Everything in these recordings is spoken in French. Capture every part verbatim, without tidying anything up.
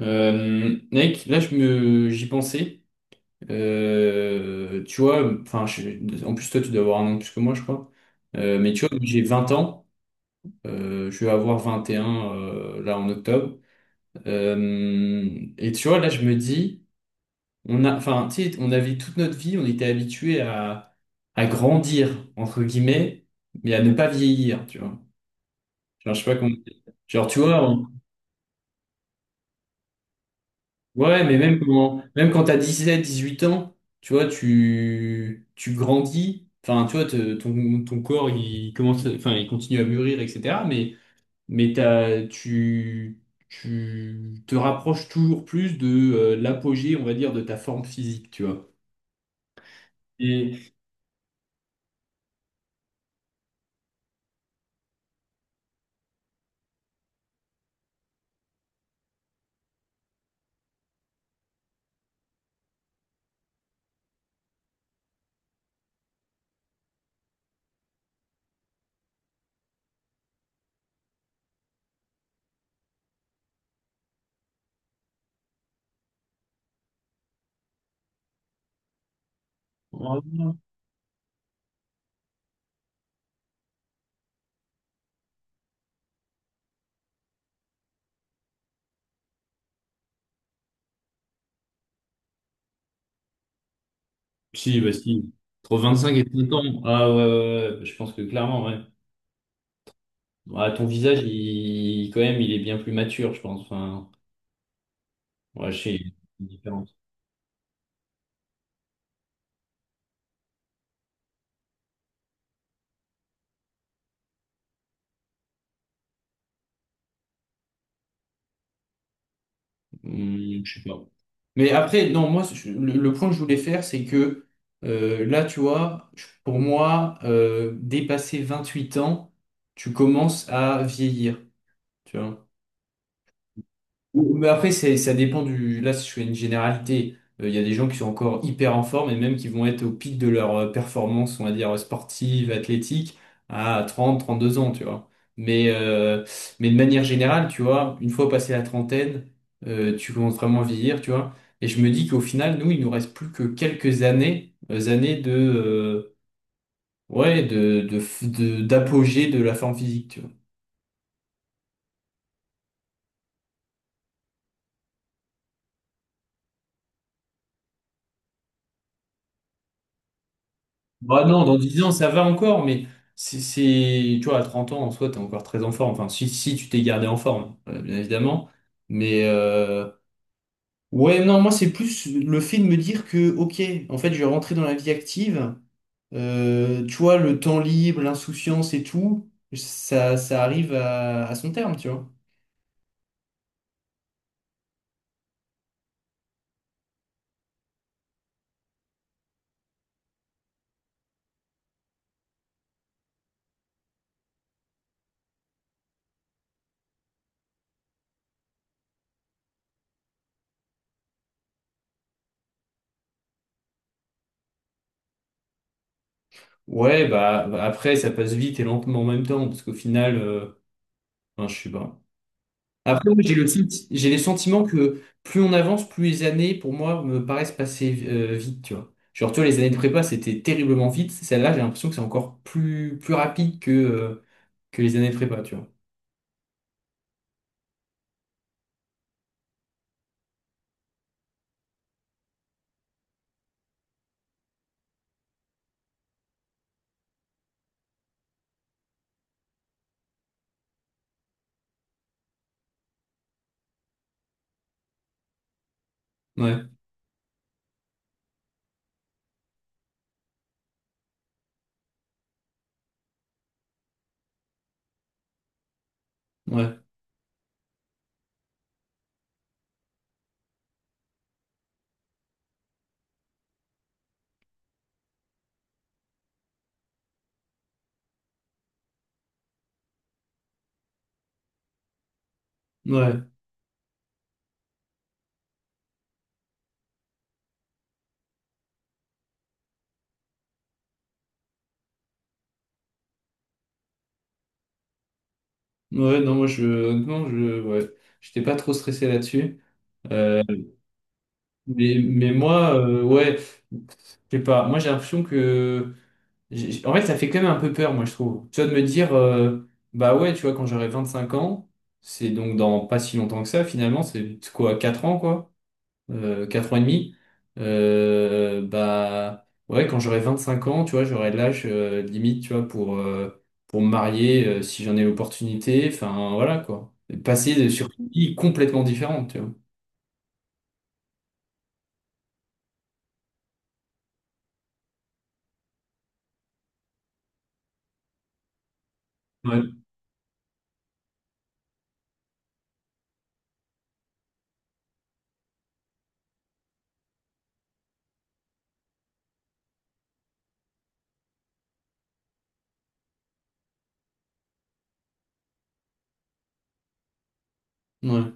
Euh, mec, là je me j'y pensais. Euh, tu vois, enfin, je- en plus toi tu dois avoir un an de plus que moi, je crois. Euh, mais tu vois, j'ai vingt ans. Euh, je vais avoir vingt et un euh, là en octobre. Euh, et tu vois, là je me dis, on a, enfin, tu sais, on avait toute notre vie, on était habitué à à grandir entre guillemets, mais à ne pas vieillir, tu vois. Genre, je sais pas comment dire. Genre, tu vois, ouais, mais même quand, même quand t'as dix-sept, dix-huit ans, tu vois, tu, tu grandis, enfin, tu vois, te- ton, ton corps, il commence, à- enfin, il continue à mûrir, et cetera. Mais, mais t'as, tu, tu te rapproches toujours plus de euh, l'apogée, on va dire, de ta forme physique, tu vois. Et, Oh, non. Si, bah si, entre vingt-cinq et trente ans, ah ouais, ouais, ouais, ouais, je pense que clairement, ouais. Ouais, ton visage, il, quand même, il est bien plus mature, je pense, enfin, ouais, je sais, il est différent. Hmm, je sais pas. Mais après, non, moi, je- le, le point que je voulais faire, c'est que euh, là, tu vois, je- pour moi, euh, dépasser huit ans, tu commences à vieillir. Tu vois. Ou- Mais après, c'est- ça dépend du. Là, si je fais une généralité. Euh, Il y a des gens qui sont encore hyper en forme et même qui vont être au pic de leur euh, performance, on va dire, sportive, athlétique, à trente, trente-deux ans, tu vois. Mais, euh, mais de manière générale, tu vois, une fois passé la trentaine, euh, tu commences vraiment à vieillir, tu vois. Et je me dis qu'au final, nous, il nous reste plus que quelques années, euh, années de, euh, ouais, de, de, f- de- d'apogée de la forme physique, tu vois. Bah non, dans dix ans, ça va encore, mais c'est, c'est- tu vois, à trente ans, en soi, t'es encore très en forme. Enfin, si, si tu t'es gardé en forme, euh, bien évidemment. Mais euh, ouais, non, moi, c'est plus le fait de me dire que, ok, en fait, je vais rentrer dans la vie active. Euh, tu vois, le temps libre, l'insouciance et tout, ça, ça arrive à, à son terme, tu vois. Ouais, bah bah, après, ça passe vite et lentement en même temps, parce qu'au final, euh, enfin, je sais pas. Après, oui, j'ai le, senti- j'ai le sentiment que plus on avance, plus les années, pour moi, me paraissent passer euh, vite, tu vois. Genre, tu vois, les années de prépa, c'était terriblement vite. Celle-là, j'ai l'impression que c'est encore plus, plus rapide que, euh, que les années de prépa, tu vois. Ouais, ouais, ouais, ouais, non, moi, je, honnêtement, je, ouais, j'étais pas trop stressé là-dessus. Euh, Mais, mais moi, euh, ouais, je sais pas, moi, j'ai l'impression que. J'ai- j'ai- En fait, ça fait quand même un peu peur, moi, je trouve. Tu vois, de me dire, euh, bah ouais, tu vois, quand j'aurai vingt-cinq ans, c'est donc dans pas si longtemps que ça, finalement, c'est c'est quoi, quatre ans, quoi, euh, quatre ans et demi. Euh, bah ouais, quand j'aurai vingt-cinq ans, tu vois, j'aurai l'âge euh, limite, tu vois, pour, euh, pour me marier euh, si j'en ai l'opportunité. Enfin, voilà, quoi. Passer de- sur une vie complètement différente, tu vois. Ouais. Ouais.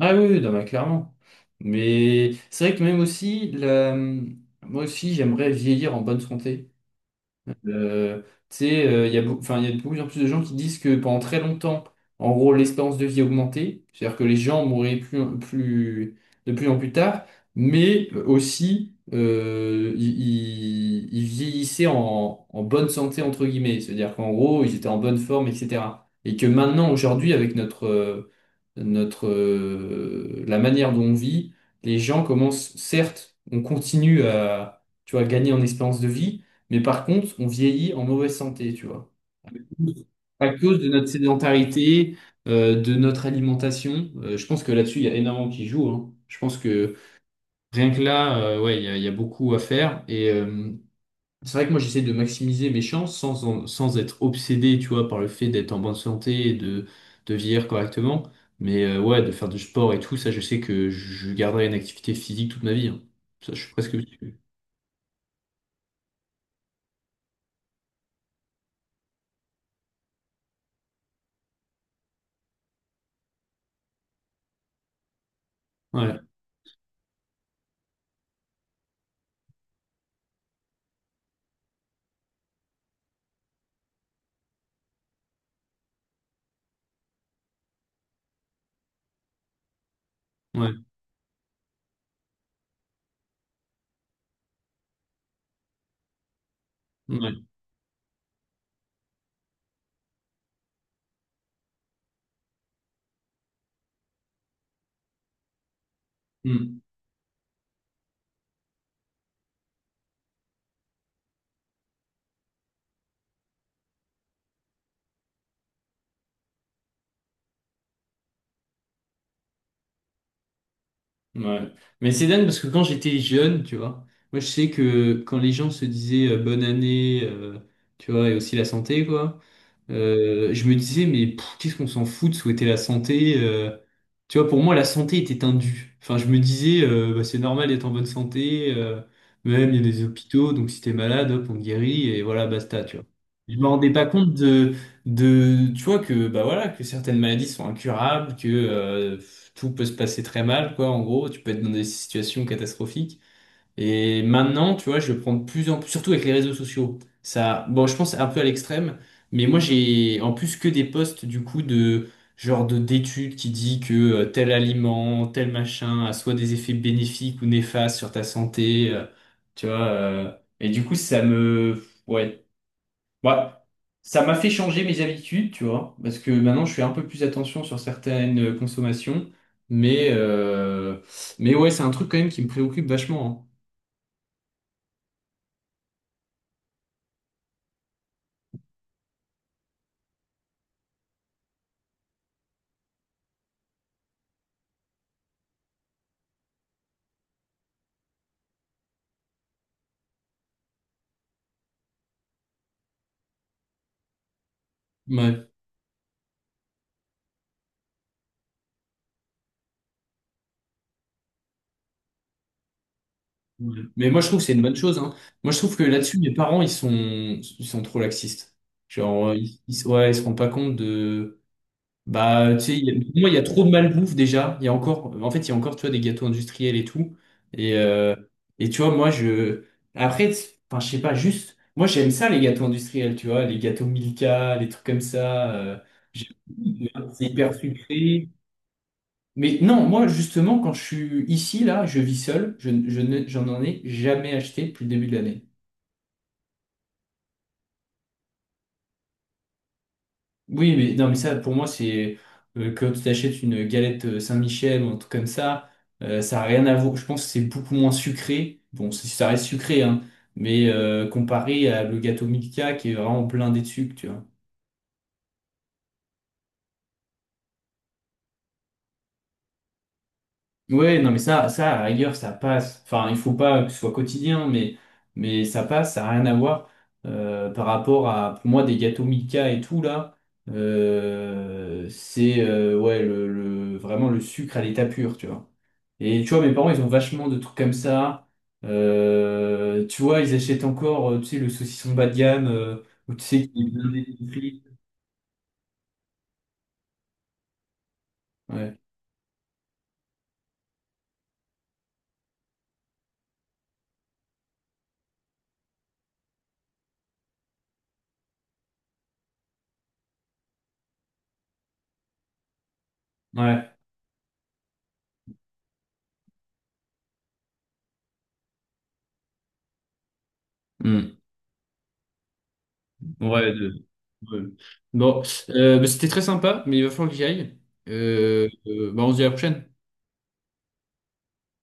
Ah oui, oui, non, mais clairement. Mais c'est vrai que même aussi, la- moi aussi, j'aimerais vieillir en bonne santé. Euh, tu sais, euh, il y a, beau- enfin, il y a de plus en plus de gens qui disent que pendant très longtemps, en gros, l'espérance de vie augmentait, c'est-à-dire que les gens mouraient plus, plus, de plus en plus tard, mais euh, aussi euh, ils, ils- ils vieillissaient en, en bonne santé, entre guillemets, c'est-à-dire qu'en gros, ils étaient en bonne forme, et cetera. Et que maintenant, aujourd'hui, avec notre, euh, notre, euh, la manière dont on vit, les gens commencent, certes, on continue à, tu vois, gagner en espérance de vie, mais par contre, on vieillit en mauvaise santé, tu vois. À cause de notre sédentarité, euh, de notre alimentation, Euh, je pense que là-dessus, il y a énormément qui joue, hein. Je pense que rien que là, euh, ouais, il y a, il y a beaucoup à faire. Et euh, c'est vrai que moi, j'essaie de maximiser mes chances sans, en- sans être obsédé, tu vois, par le fait d'être en bonne santé et de, de vieillir correctement. Mais euh, ouais, de faire du sport et tout, ça, je sais que je garderai une activité physique toute ma vie, hein. Ça, je suis presque sûr. Ouais, ouais, ouais. Ouais. Hmm. Ouais. Mais c'est dingue parce que quand j'étais jeune, tu vois, moi je sais que quand les gens se disaient euh, bonne année, euh, tu vois, et aussi la santé, quoi, euh, je me disais, mais pff, qu'est-ce qu'on s'en fout de souhaiter la santé? euh, tu vois, pour moi, la santé était un dû. Enfin, je me disais, euh, bah, c'est normal d'être en bonne santé. euh, même, il y a des hôpitaux, donc si t'es malade, hop, on te guérit, et voilà, basta, tu vois. Je me rendais pas compte de, de, tu vois, que, bah voilà, que certaines maladies sont incurables, que euh, tout peut se passer très mal, quoi, en gros. Tu peux être dans des situations catastrophiques. Et maintenant, tu vois, je le prends de plus en plus, surtout avec les réseaux sociaux. Ça, bon, je pense un peu à l'extrême, mais moi j'ai en plus que des posts du coup de genre de d'études qui dit que euh, tel aliment, tel machin a soit des effets bénéfiques ou néfastes sur ta santé, euh, tu vois. euh, et du coup, ça me, ouais, ouais, ça m'a fait changer mes habitudes, tu vois, parce que maintenant je fais un peu plus attention sur certaines euh, consommations, mais euh, mais ouais, c'est un truc quand même qui me préoccupe vachement, hein. Ouais. Ouais. Mais moi, je trouve que c'est une bonne chose, hein. Moi, je trouve que là-dessus, mes parents, ils sont, ils sont trop laxistes. Genre, euh, ils, ils- ouais, ils se rendent pas compte de. Bah, tu sais, il y a- pour moi, il y a trop de malbouffe déjà. Il y a encore, en fait, il y a encore, tu vois, des gâteaux industriels et tout. Et, euh, et tu vois, moi, je. Après, t's- enfin, je sais pas, juste. Moi, j'aime ça, les gâteaux industriels, tu vois, les gâteaux Milka, les trucs comme ça. euh, j'aime- C'est hyper sucré. Mais non, moi justement, quand je suis ici, là, je vis seul, je, je ne- j'en en ai jamais acheté depuis le début de l'année. Oui, mais non, mais ça, pour moi, c'est euh, quand tu t'achètes une galette euh, Saint-Michel ou un truc comme ça, euh, ça n'a rien à voir. Je pense que c'est beaucoup moins sucré. Bon, c'est- ça reste sucré, hein, mais euh, comparé à le gâteau Milka qui est vraiment plein de sucre, tu vois. Ouais, non, mais ça, ça, à la rigueur, ça passe. Enfin, il faut pas que ce soit quotidien, mais, mais ça passe, ça n'a rien à voir euh, par rapport à, pour moi, des gâteaux Milka et tout, là. euh, c'est euh, ouais, le, le- vraiment le sucre à l'état pur, tu vois. Et tu vois, mes parents, ils ont vachement de trucs comme ça. Euh, tu vois, ils achètent encore, euh, tu sais, le saucisson bas de gamme, euh, ou tu sais, qui est blindé de prix. Ouais. Ouais. Ouais, de- ouais. Bon, euh, bah, c'était très sympa, mais il va falloir que j'y aille. Euh, euh, bah, on se dit à la prochaine.